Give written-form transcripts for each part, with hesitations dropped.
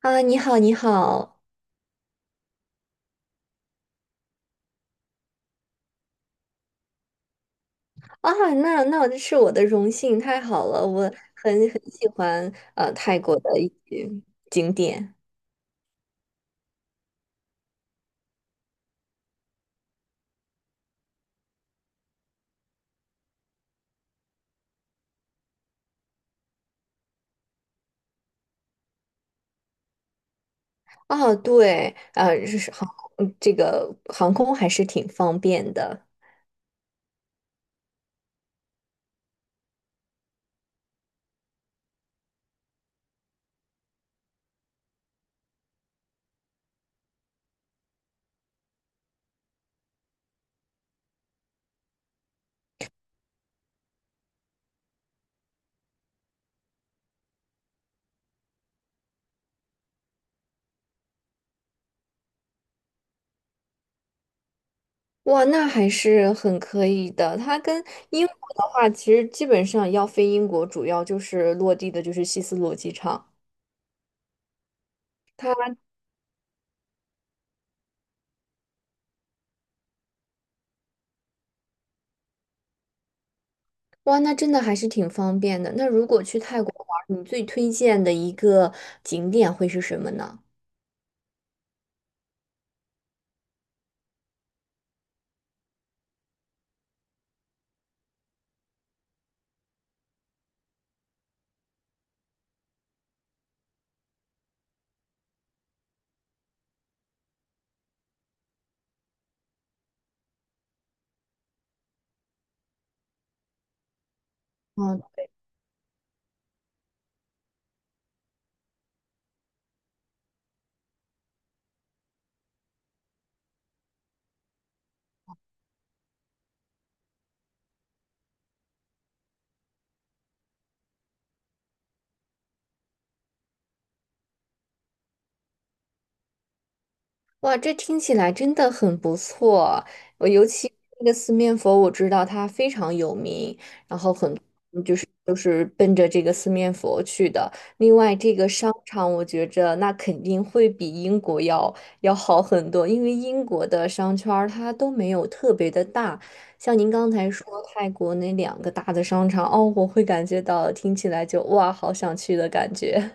啊，你好，你好。啊，那这是我的荣幸，太好了，我很喜欢泰国的一些景点。啊，对，呃，是航嗯，这个航空还是挺方便的。哇，那还是很可以的。英国的话，其实基本上要飞英国，主要就是落地的就是希斯罗机场。它哇，那真的还是挺方便的。那如果去泰国玩儿，你最推荐的一个景点会是什么呢？哦，哇，这听起来真的很不错。我尤其那个四面佛，我知道它非常有名，然后嗯，就是都是奔着这个四面佛去的。另外，这个商场我觉着那肯定会比英国要好很多，因为英国的商圈儿它都没有特别的大。像您刚才说泰国那两个大的商场，哦，我会感觉到听起来就哇，好想去的感觉。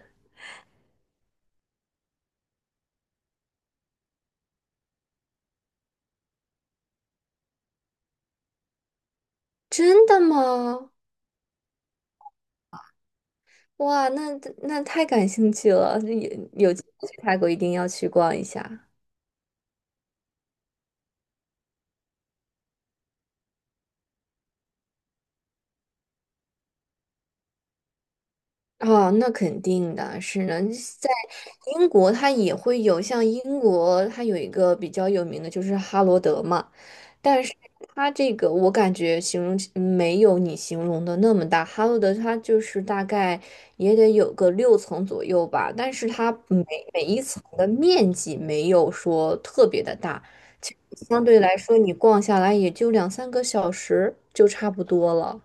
真的吗？哇，那太感兴趣了，有机会去泰国一定要去逛一下。哦，那肯定的，是呢。在英国它也会有，像英国它有一个比较有名的就是哈罗德嘛，但是它这个我感觉形容起没有你形容的那么大，哈罗德它就是大概也得有个六层左右吧，但是它每一层的面积没有说特别的大。相对来说，你逛下来也就两三个小时就差不多了。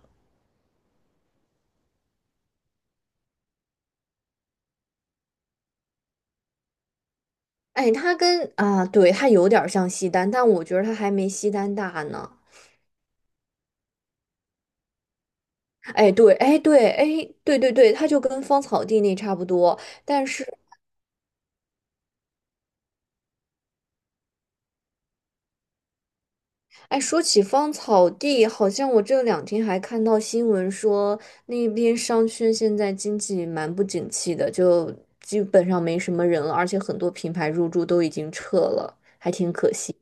啊，对，它有点儿像西单，但我觉得它还没西单大呢。哎，对，哎，对，哎，对对对，它就跟芳草地那差不多。但是，哎，说起芳草地，好像我这两天还看到新闻说，那边商圈现在经济蛮不景气的，就基本上没什么人了，而且很多品牌入驻都已经撤了，还挺可惜。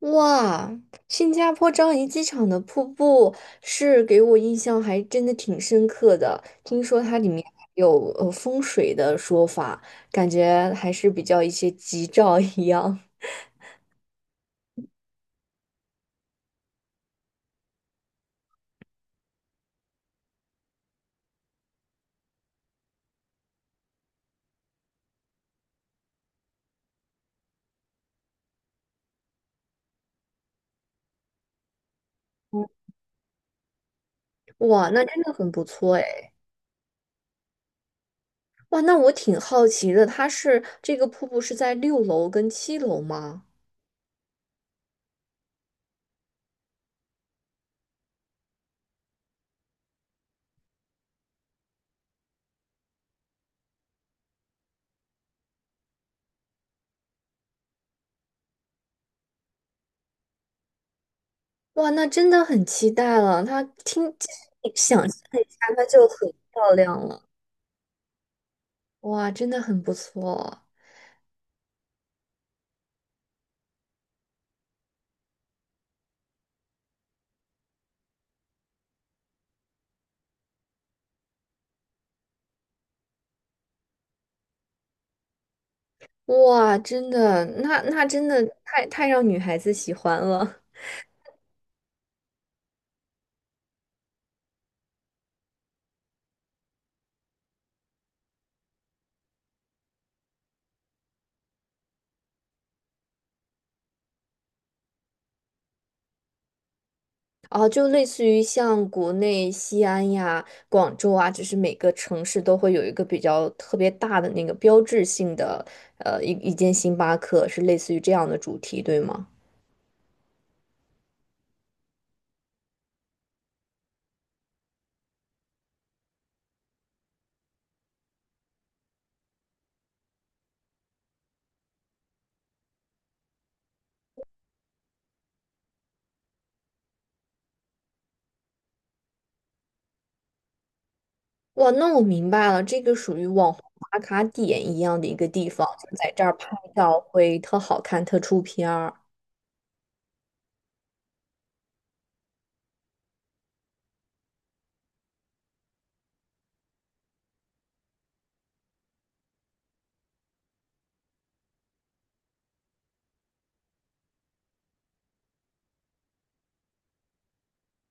哇，新加坡樟宜机场的瀑布是给我印象还真的挺深刻的。听说它里面有风水的说法，感觉还是比较一些吉兆一样。哇，那真的很不错哎。哇，那我挺好奇的，它是这个瀑布是在六楼跟七楼吗？哇，那真的很期待了。其实你想象一下，它就很漂亮了。哇，真的很不错。哇，真的，那真的太让女孩子喜欢了。哦，就类似于像国内西安呀、广州啊，就是每个城市都会有一个比较特别大的那个标志性的，一间星巴克，是类似于这样的主题，对吗？哇，那我明白了，这个属于网红打卡点一样的一个地方，就在这儿拍照会特好看、特出片儿。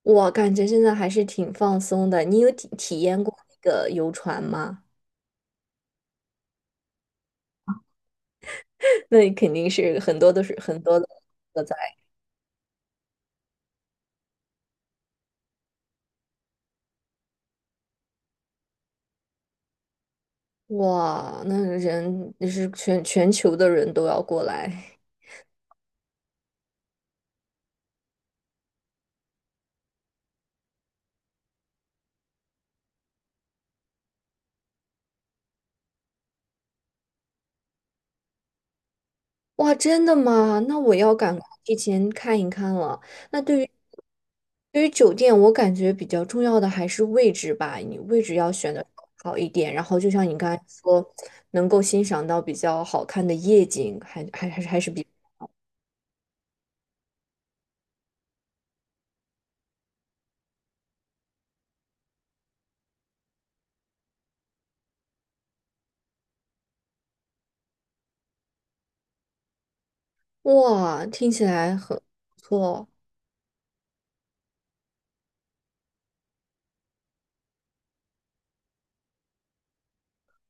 我感觉现在还是挺放松的。你有体验过那个游船吗？那你肯定是很多的都在。哇，那人是全球的人都要过来。哇，真的吗？那我要赶快提前看一看了。那对于酒店，我感觉比较重要的还是位置吧，你位置要选的好一点，然后就像你刚才说，能够欣赏到比较好看的夜景，还还还是还是比，哇，听起来很不错哦。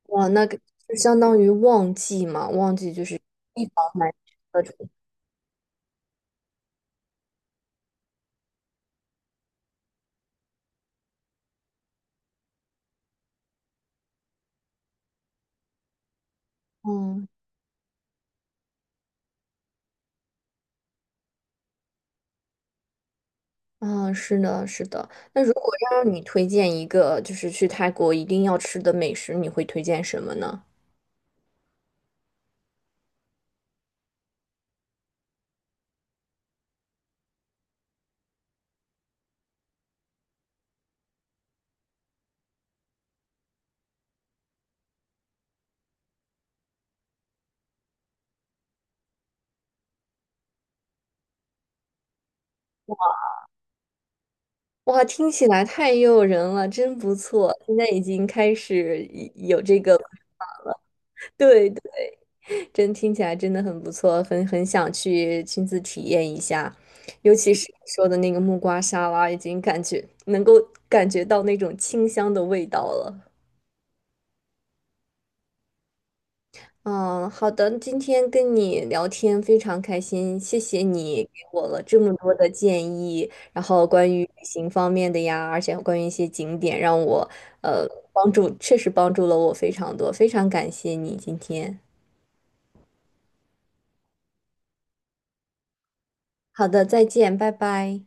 哇，就相当于旺季嘛，旺季就是一房难求的这种。嗯，啊，是的，是的。那如果让你推荐一个，就是去泰国一定要吃的美食，你会推荐什么呢？哇，听起来太诱人了，真不错。现在已经开始有这个，对对，听起来真的很不错，很想去亲自体验一下。尤其是你说的那个木瓜沙拉，已经感觉能够感觉到那种清香的味道了。嗯，好的，今天跟你聊天非常开心，谢谢你给我了这么多的建议，然后关于旅行方面的呀，而且关于一些景点，让我呃帮助，确实帮助了我非常多，非常感谢你今天。好的，再见，拜拜。